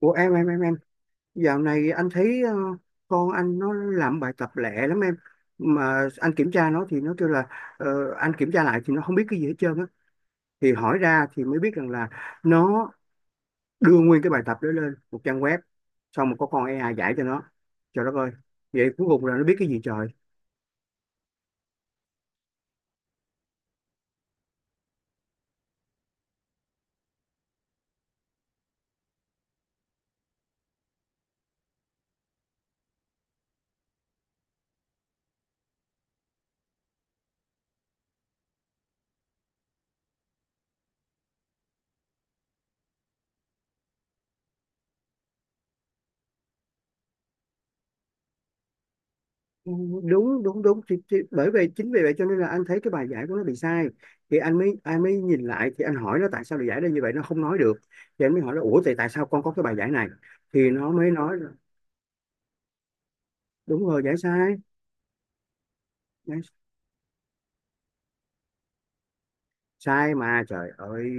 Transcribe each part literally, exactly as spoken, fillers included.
Ủa em em em em dạo này anh thấy ờ, con anh nó làm bài tập lẹ lắm em, mà anh kiểm tra nó thì nó kêu là ờ, anh kiểm tra lại thì nó không biết cái gì hết trơn á. Thì hỏi ra thì mới biết rằng là nó đưa nguyên cái bài tập đó lên một trang web, xong rồi có con a i giải cho nó. Trời đất ơi, vậy cuối cùng là nó biết cái gì trời. Đúng đúng đúng thì, thì, bởi vì chính vì vậy cho nên là anh thấy cái bài giải của nó bị sai, thì anh mới anh mới nhìn lại, thì anh hỏi nó tại sao lại giải ra như vậy, nó không nói được. Thì anh mới hỏi nó ủa thì tại sao con có cái bài giải này, thì nó mới nói là, đúng rồi, giải sai. Sai mà trời ơi.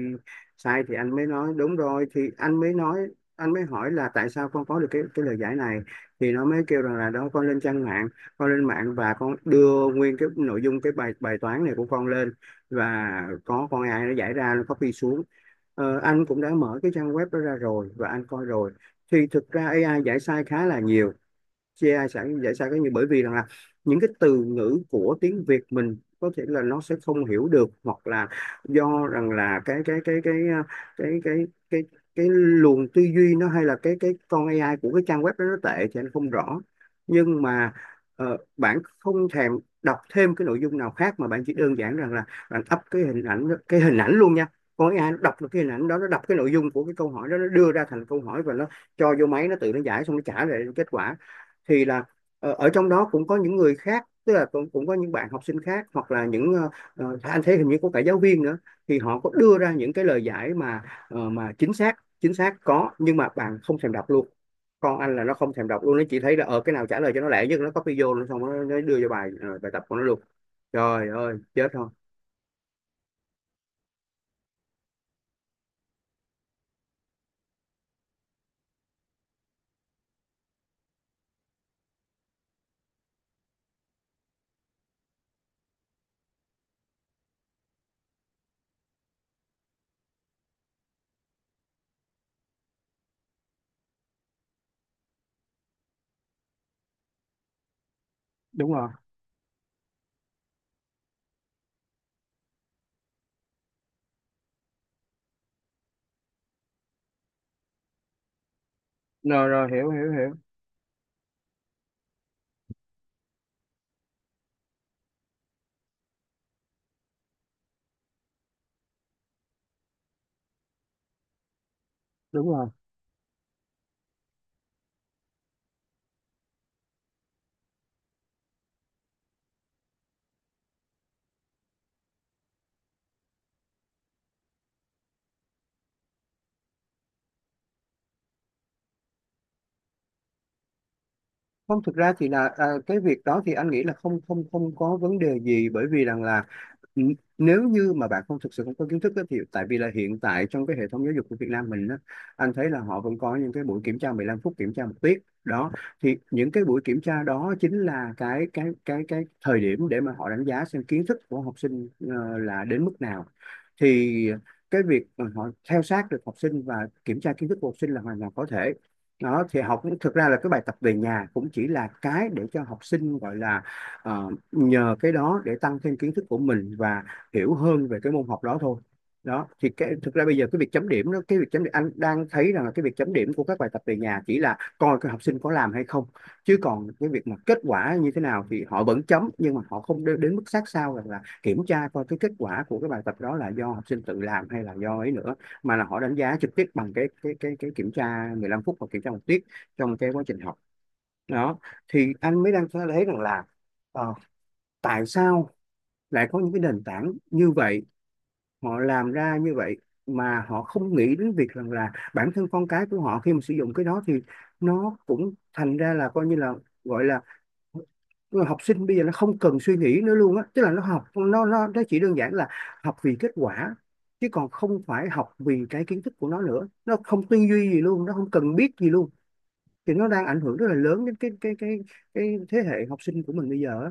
Sai thì anh mới nói đúng rồi, thì anh mới nói, anh mới hỏi là tại sao con có được cái cái lời giải này, thì nó mới kêu rằng là đó con lên trang mạng, con lên mạng và con đưa nguyên cái nội dung cái bài bài toán này của con lên, và có con a i nó giải ra, nó copy xuống. Ờ, anh cũng đã mở cái trang web đó ra rồi và anh coi rồi, thì thực ra a i giải sai khá là nhiều. Chia sẵn giải sao cái như bởi vì rằng là những cái từ ngữ của tiếng Việt mình có thể là nó sẽ không hiểu được, hoặc là do rằng là cái cái cái cái à, cái cái cái cái luồng tư duy nó, hay là cái cái con a i của cái trang web đó nó tệ thì anh không rõ. Nhưng mà ờ, bạn không thèm đọc thêm cái nội dung nào khác, mà bạn chỉ đơn giản rằng là bạn up cái hình ảnh đó- cái hình ảnh luôn nha, con a i nó đọc được cái hình ảnh đó, nó đọc cái nội dung của cái câu hỏi đó, nó đưa ra thành câu hỏi và nó cho vô máy, nó tự nó giải xong nó trả lại kết quả. Thì là ờ, ở trong đó cũng có những người khác, tức là cũng cũng có những bạn học sinh khác, hoặc là những ờ, ờ, anh thấy hình như có cả giáo viên nữa, thì họ có đưa ra những cái lời giải mà ờ, mà chính xác, chính xác có, nhưng mà bạn không thèm đọc luôn. Con anh là nó không thèm đọc luôn, nó chỉ thấy là ở cái nào trả lời cho nó lẹ nhất nó copy vô nó xong nó, nó đưa cho bài ờ, bài tập của nó luôn. Trời ơi chết không. Đúng rồi rồi rồi hiểu hiểu hiểu đúng rồi. Không, thực ra thì là à, cái việc đó thì anh nghĩ là không không không có vấn đề gì, bởi vì rằng là n- nếu như mà bạn không thực sự không có kiến thức á, thì tại vì là hiện tại trong cái hệ thống giáo dục của Việt Nam mình á, anh thấy là họ vẫn có những cái buổi kiểm tra mười lăm phút, kiểm tra một tiết đó. Thì những cái buổi kiểm tra đó chính là cái cái cái cái thời điểm để mà họ đánh giá xem kiến thức của học sinh ờ, là đến mức nào. Thì cái việc mà họ theo sát được học sinh và kiểm tra kiến thức của học sinh là hoàn toàn có thể. Đó, thì học thực ra là cái bài tập về nhà cũng chỉ là cái để cho học sinh gọi là ờ, nhờ cái đó để tăng thêm kiến thức của mình và hiểu hơn về cái môn học đó thôi. Đó, thì cái thực ra bây giờ cái việc chấm điểm đó, cái việc chấm điểm anh đang thấy rằng là cái việc chấm điểm của các bài tập về nhà chỉ là coi cái học sinh có làm hay không, chứ còn cái việc mà kết quả như thế nào thì họ vẫn chấm, nhưng mà họ không đe- đến mức sát sao rằng là kiểm tra coi cái kết quả của cái bài tập đó là do học sinh tự làm hay là do ấy nữa, mà là họ đánh giá trực tiếp bằng cái cái cái cái kiểm tra mười lăm phút hoặc kiểm tra một tiết trong cái quá trình học. Đó, thì anh mới đang thấy rằng là ờ, tại sao lại có những cái nền tảng như vậy, họ làm ra như vậy, mà họ không nghĩ đến việc rằng là bản thân con cái của họ khi mà sử dụng cái đó thì nó cũng thành ra là coi như là gọi là, nhưng mà học sinh bây giờ nó không cần suy nghĩ nữa luôn á, tức là nó học nó nó nó chỉ đơn giản là học vì kết quả, chứ còn không phải học vì cái kiến thức của nó nữa, nó không tư duy gì luôn, nó không cần biết gì luôn. Thì nó đang ảnh hưởng rất là lớn đến cái cái cái cái thế hệ học sinh của mình bây giờ á.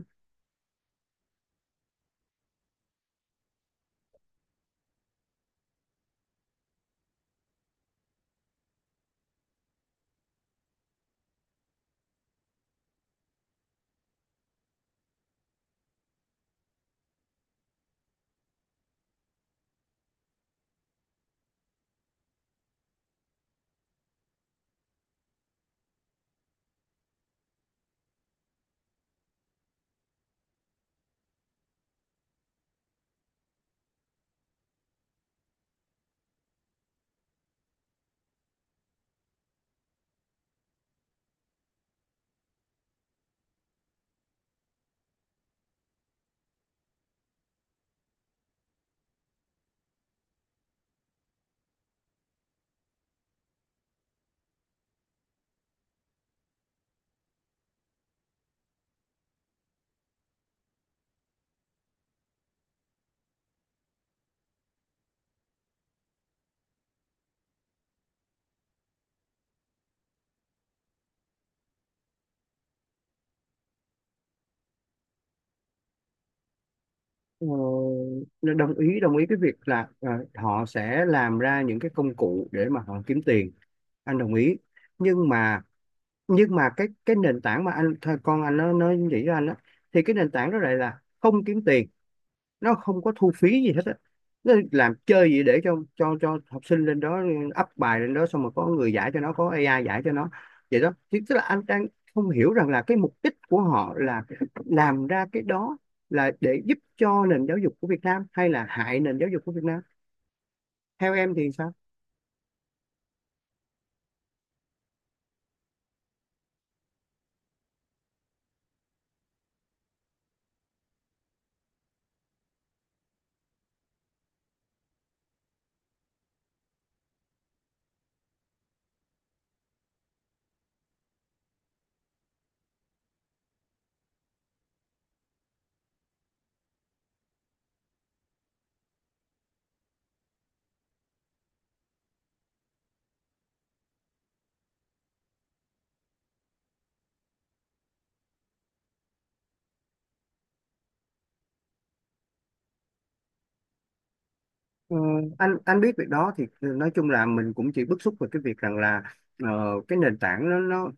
Ờ, nên đồng ý, đồng ý cái việc là ờ, họ sẽ làm ra những cái công cụ để mà họ kiếm tiền, anh đồng ý. Nhưng mà nhưng mà cái cái nền tảng mà anh thôi con anh nó nó nghĩ ra anh á, thì cái nền tảng đó lại là không kiếm tiền, nó không có thu phí gì hết á, nó làm chơi gì để cho cho cho học sinh lên đó up bài lên đó, xong rồi có người giải cho nó, có a i giải cho nó. Vậy đó. Thì tức là anh đang không hiểu rằng là cái mục đích của họ là làm ra cái đó là để giúp cho nền giáo dục của Việt Nam hay là hại nền giáo dục của Việt Nam. Theo em thì sao. Ờ, anh anh biết việc đó, thì nói chung là mình cũng chỉ bức xúc về cái việc rằng là ờ, cái nền tảng nó nó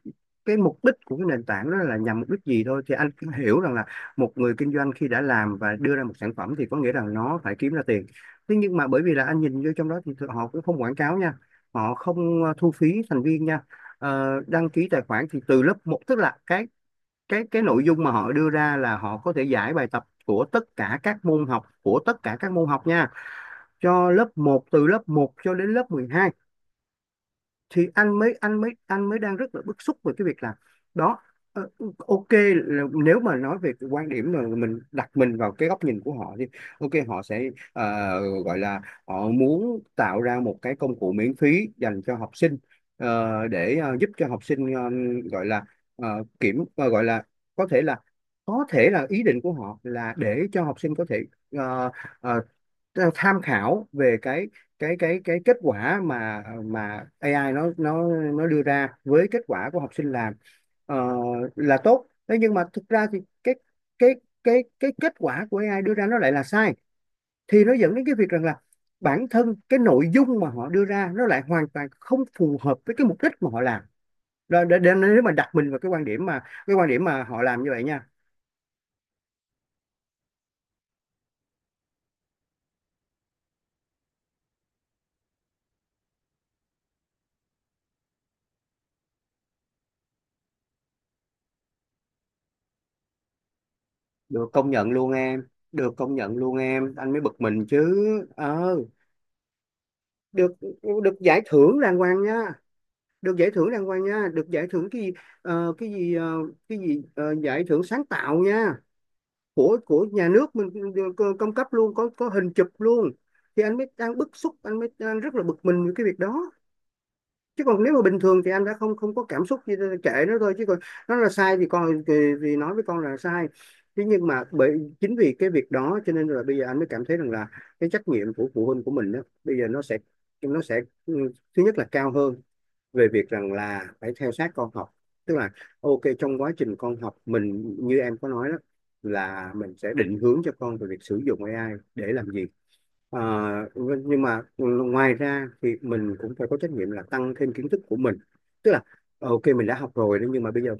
cái mục đích của cái nền tảng đó là nhằm mục đích gì thôi, thì anh cũng hiểu rằng là một người kinh doanh khi đã làm và đưa ra một sản phẩm thì có nghĩa rằng nó phải kiếm ra tiền. Thế nhưng mà bởi vì là anh nhìn vô trong đó thì họ cũng không quảng cáo nha, họ không ờ, thu phí thành viên nha. Ờ, đăng ký tài khoản thì từ lớp một, tức là cái cái cái nội dung mà họ đưa ra là họ có thể giải bài tập của tất cả các môn học, của tất cả các môn học nha, cho lớp một, từ lớp một cho đến lớp mười hai. Thì anh mới anh mới anh mới đang rất là bức xúc về cái việc là đó. Ờ, ok là nếu mà nói về cái quan điểm mà mình đặt mình vào cái góc nhìn của họ thì ok họ sẽ ờ, gọi là họ muốn tạo ra một cái công cụ miễn phí dành cho học sinh ờ, để ờ, giúp cho học sinh ờ, gọi là ờ, kiểm ờ, gọi là có thể là có thể là ý định của họ là để cho học sinh có thể uh, ta- tham khảo về cái cái cái cái kết quả mà mà a i nó nó nó đưa ra với kết quả của học sinh làm. ờ, là tốt, thế nhưng mà thực ra thì cái cái cái cái kết quả của a i đưa ra nó lại là sai, thì nó dẫn đến cái việc rằng là bản thân cái nội dung mà họ đưa ra nó lại hoàn toàn không phù hợp với cái mục đích mà họ làm. Rồi để, để nếu mà đặt mình vào cái quan điểm mà cái quan điểm mà họ làm như vậy nha, được công nhận luôn em. Được công nhận luôn em, anh mới bực mình chứ. Ờ, được, được giải thưởng đàng hoàng nha, được giải thưởng đàng hoàng nha, được giải thưởng cái gì, ờ, cái gì ờ, cái gì ờ, giải thưởng sáng tạo nha, của của nhà nước mình cơ- công cấp luôn, có có hình chụp luôn. Thì anh mới đang bức xúc, anh mới đang rất là bực mình với cái việc đó. Chứ còn nếu mà bình thường thì em đã không không có cảm xúc gì, kệ nó thôi. Chứ còn nó là sai thì con thì, thì nói với con là sai. Thế nhưng mà bởi chính vì cái việc đó cho nên là bây giờ anh mới cảm thấy rằng là cái trách nhiệm của phụ huynh của mình đó bây giờ nó sẽ nó sẽ ừ, thứ nhất là cao hơn, về việc rằng là phải theo sát con học. Tức là ok, trong quá trình con học mình như em có nói đó, là mình sẽ định hướng cho con về việc sử dụng a i để làm gì. Ờ, nhưng mà ngoài ra thì mình cũng phải có trách nhiệm là tăng thêm kiến thức của mình. Tức là ok, mình đã học rồi đó, nhưng mà bây giờ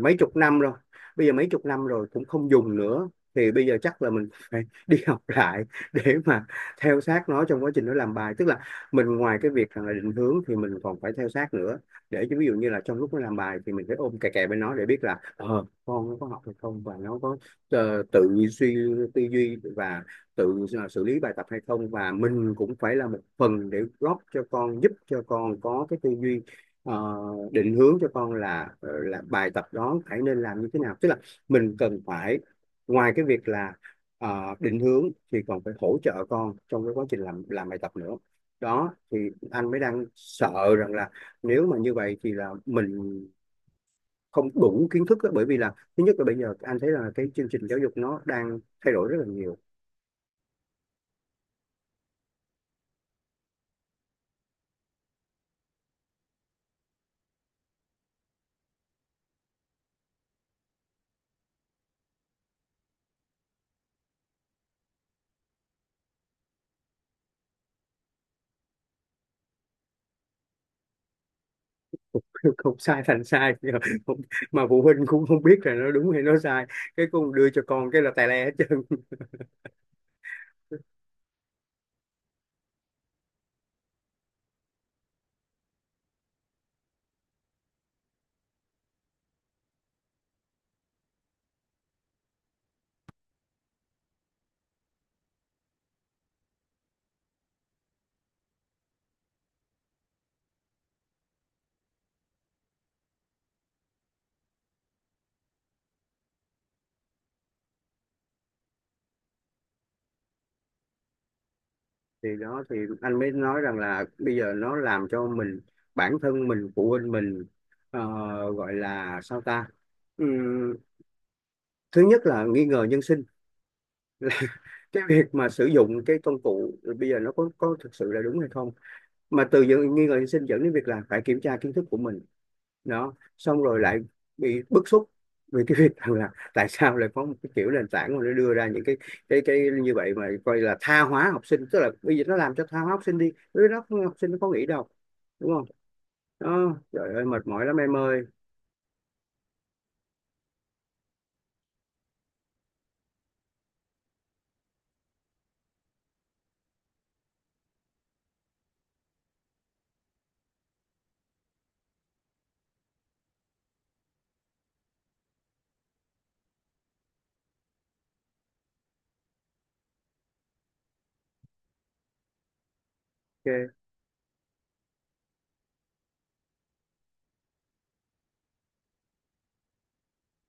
mấy chục năm rồi, bây giờ mấy chục năm rồi cũng không dùng nữa, thì bây giờ chắc là mình phải đi học lại, để mà theo sát nó trong quá trình nó làm bài. Tức là mình ngoài cái việc là định hướng thì mình còn phải theo sát nữa, để cho ví dụ như là trong lúc nó làm bài thì mình phải ôm kè kè bên nó, để biết là ờ con nó có học hay không, và nó có ờ, tự suy, tư duy và tự ờ, xử lý bài tập hay không, và mình cũng phải là một phần để góp cho con, giúp cho con có cái tư duy, ờ, định hướng cho con là ờ, là bài tập đó phải nên làm như thế nào. Tức là mình cần phải, ngoài cái việc là ờ, định hướng thì còn phải hỗ trợ con trong cái quá trình làm làm bài tập nữa. Đó thì anh mới đang sợ rằng là, nếu mà như vậy thì là mình không đủ kiến thức á, bởi vì là thứ nhất là bây giờ anh thấy là cái chương trình giáo dục nó đang thay đổi rất là nhiều. Không sai thành sai. Nhưng mà Không- mà phụ huynh cũng không biết là nó đúng hay nó sai, cái con đưa cho con cái là tài le hết trơn. Thì đó, thì anh mới nói rằng là bây giờ nó làm cho mình, bản thân mình, phụ huynh mình, ờ, gọi là sao ta. Ừm, Thứ nhất là nghi ngờ nhân sinh, cái việc mà sử dụng cái công cụ bây giờ nó có có thực sự là đúng hay không, mà từ những nghi ngờ sinh dẫn đến việc là phải kiểm tra kiến thức của mình. Nó xong rồi lại bị bức xúc vì cái việc rằng là tại sao lại có một cái kiểu nền tảng mà nó đưa ra những cái cái cái như vậy, mà coi là tha hóa học sinh. Tức là bây giờ nó làm cho tha hóa học sinh đi, với nó học sinh nó có nghĩ đâu, đúng không? Đó, trời ơi mệt mỏi lắm em ơi. Ok.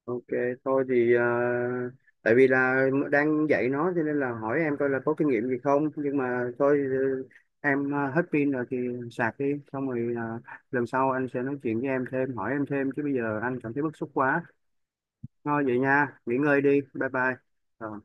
Ok, thôi thì à, tại vì là đang dạy nó cho nên là hỏi em coi là có kinh nghiệm gì không, nhưng mà thôi, ừ, em à, hết pin rồi thì sạc đi, xong rồi à, lần sau anh sẽ nói chuyện với em thêm, hỏi em thêm, chứ bây giờ anh cảm thấy bức xúc quá. Thôi vậy nha, nghỉ ngơi đi, bye bye. Ờ.